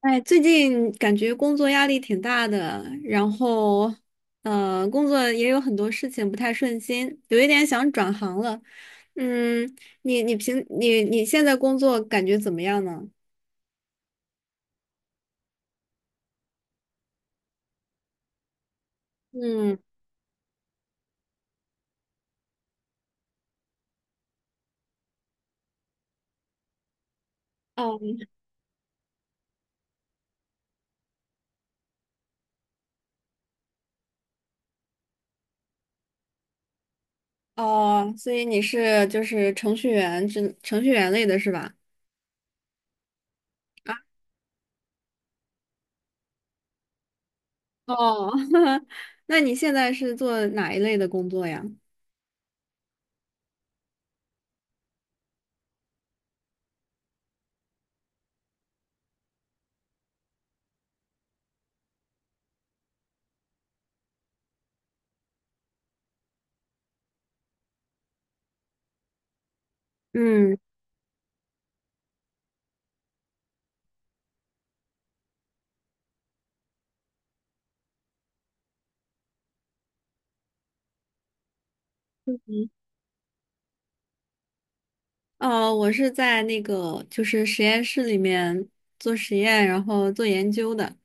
哎，最近感觉工作压力挺大的，然后，工作也有很多事情不太顺心，有一点想转行了。嗯，你你平你你现在工作感觉怎么样呢？嗯，哦哦，所以你是就是程序员类的是吧？啊，哦，那你现在是做哪一类的工作呀？嗯，哦，我是在那个就是实验室里面做实验，然后做研究的。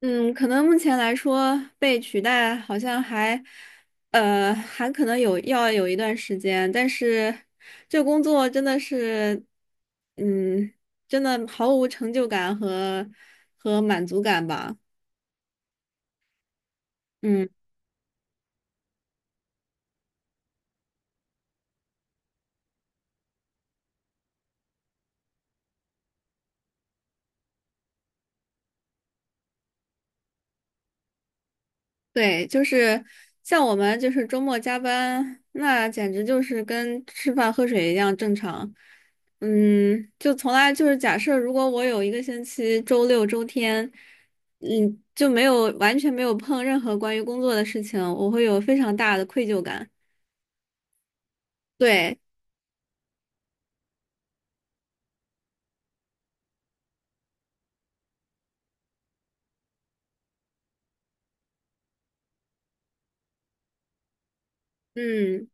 嗯，可能目前来说被取代好像还，还可能要有一段时间，但是这工作真的是，嗯，真的毫无成就感和满足感吧。嗯。对，就是像我们就是周末加班，那简直就是跟吃饭喝水一样正常。嗯，就从来就是假设，如果我有一个星期周六周天，嗯，就没有完全没有碰任何关于工作的事情，我会有非常大的愧疚感。对，嗯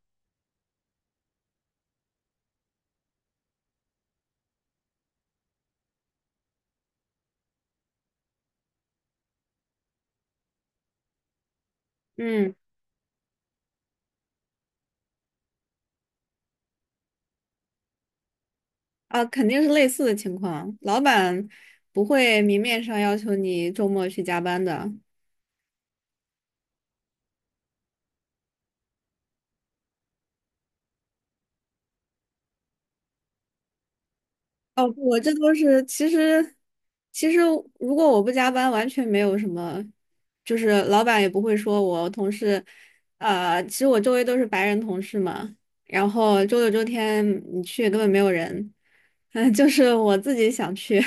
嗯，啊，肯定是类似的情况，老板不会明面上要求你周末去加班的。哦，我这都是其实，其实如果我不加班，完全没有什么，就是老板也不会说我同事，其实我周围都是白人同事嘛，然后周六周天你去根本没有人，嗯，就是我自己想去，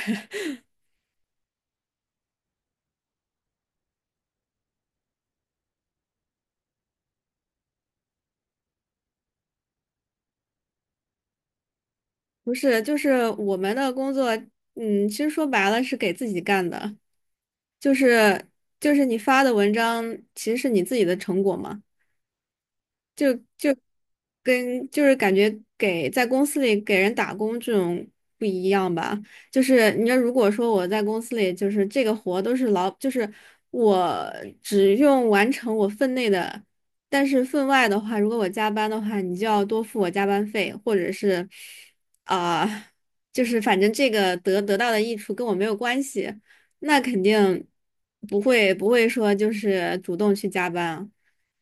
不是，就是我们的工作，嗯，其实说白了是给自己干的，就是就是你发的文章其实是你自己的成果嘛，就。跟就是感觉给在公司里给人打工这种不一样吧。就是你要如果说我在公司里，就是这个活都是老，就是我只用完成我分内的，但是分外的话，如果我加班的话，你就要多付我加班费，或者是啊、就是反正这个得到的益处跟我没有关系。那肯定不会说就是主动去加班啊。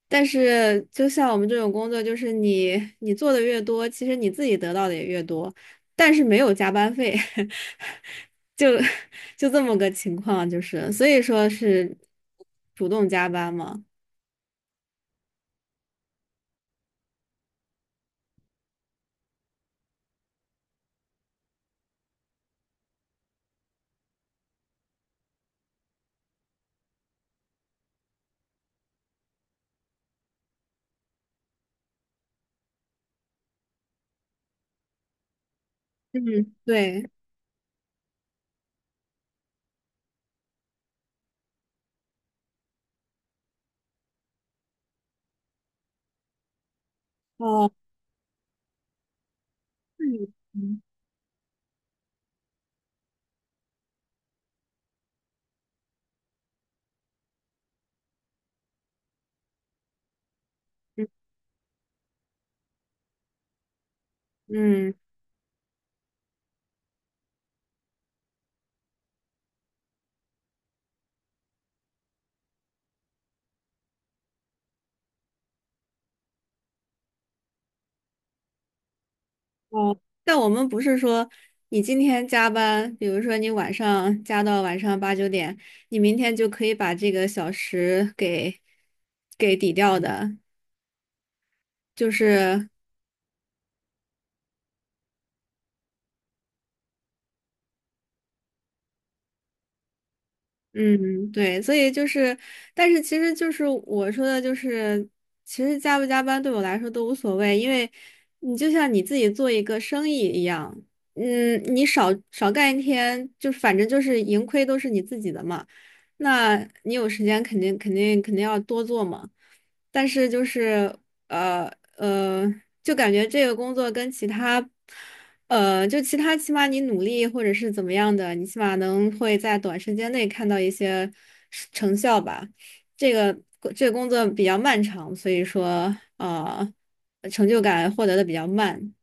但是就像我们这种工作，就是你做的越多，其实你自己得到的也越多，但是没有加班费，就就这么个情况，就是所以说是主动加班嘛。嗯，对，哦，嗯嗯嗯。哦，但我们不是说你今天加班，比如说你晚上加到晚上八九点，你明天就可以把这个小时给抵掉的，就是嗯，对，所以就是，但是其实就是我说的，就是其实加不加班对我来说都无所谓，因为你就像你自己做一个生意一样，嗯，你少干一天，就反正就是盈亏都是你自己的嘛，那你有时间肯定要多做嘛，但是就是呃呃，就感觉这个工作跟其他。呃，就其他，起码你努力或者是怎么样的，你起码能会在短时间内看到一些是成效吧。这个这个工作比较漫长，所以说呃，成就感获得的比较慢。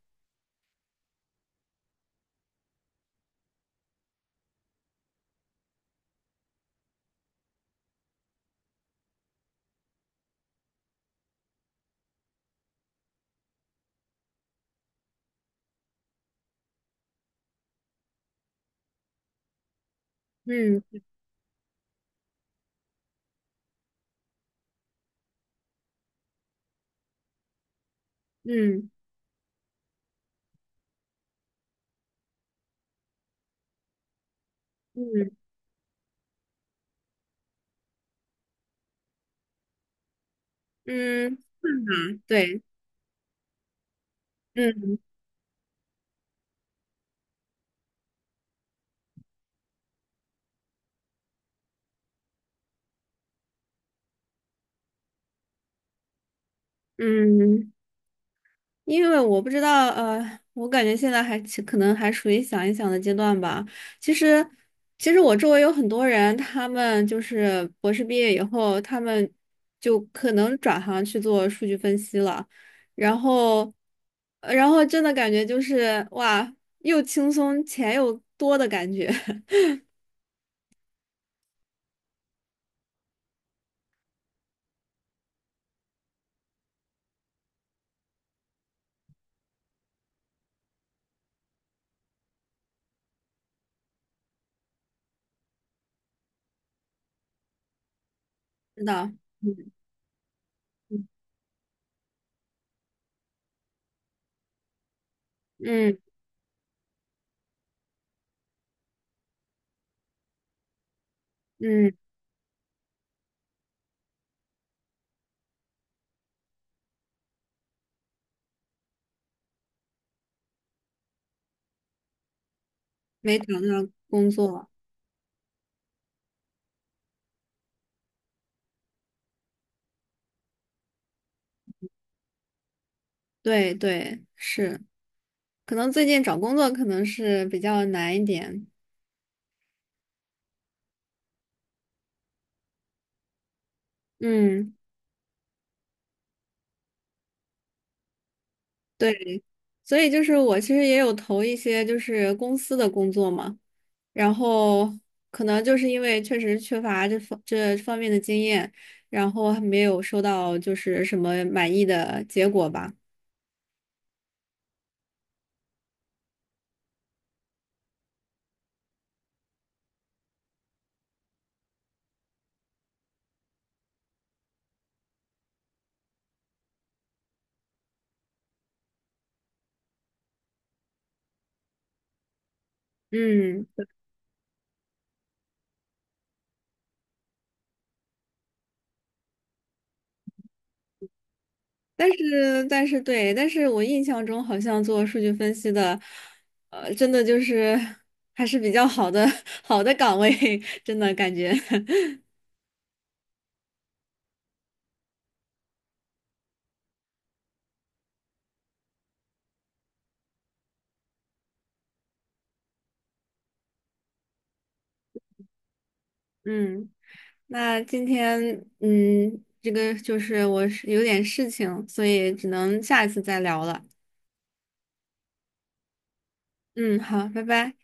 嗯嗯嗯嗯，嗯，对，嗯嗯。因为我不知道，呃，我感觉现在还其可能还属于想一想的阶段吧。其实，其实我周围有很多人，他们就是博士毕业以后，他们就可能转行去做数据分析了。然后，然后真的感觉就是哇，又轻松钱又多的感觉。是的，嗯嗯，没找到工作。对对，是，可能最近找工作可能是比较难一点。嗯，对，所以就是我其实也有投一些就是公司的工作嘛，然后可能就是因为确实缺乏这方面的经验，然后还没有收到就是什么满意的结果吧。嗯，但是对，但是我印象中好像做数据分析的，呃，真的就是还是比较好的 好的岗位，真的感觉，嗯。那今天，嗯，这个就是我是有点事情，所以只能下一次再聊了。嗯，好，拜拜。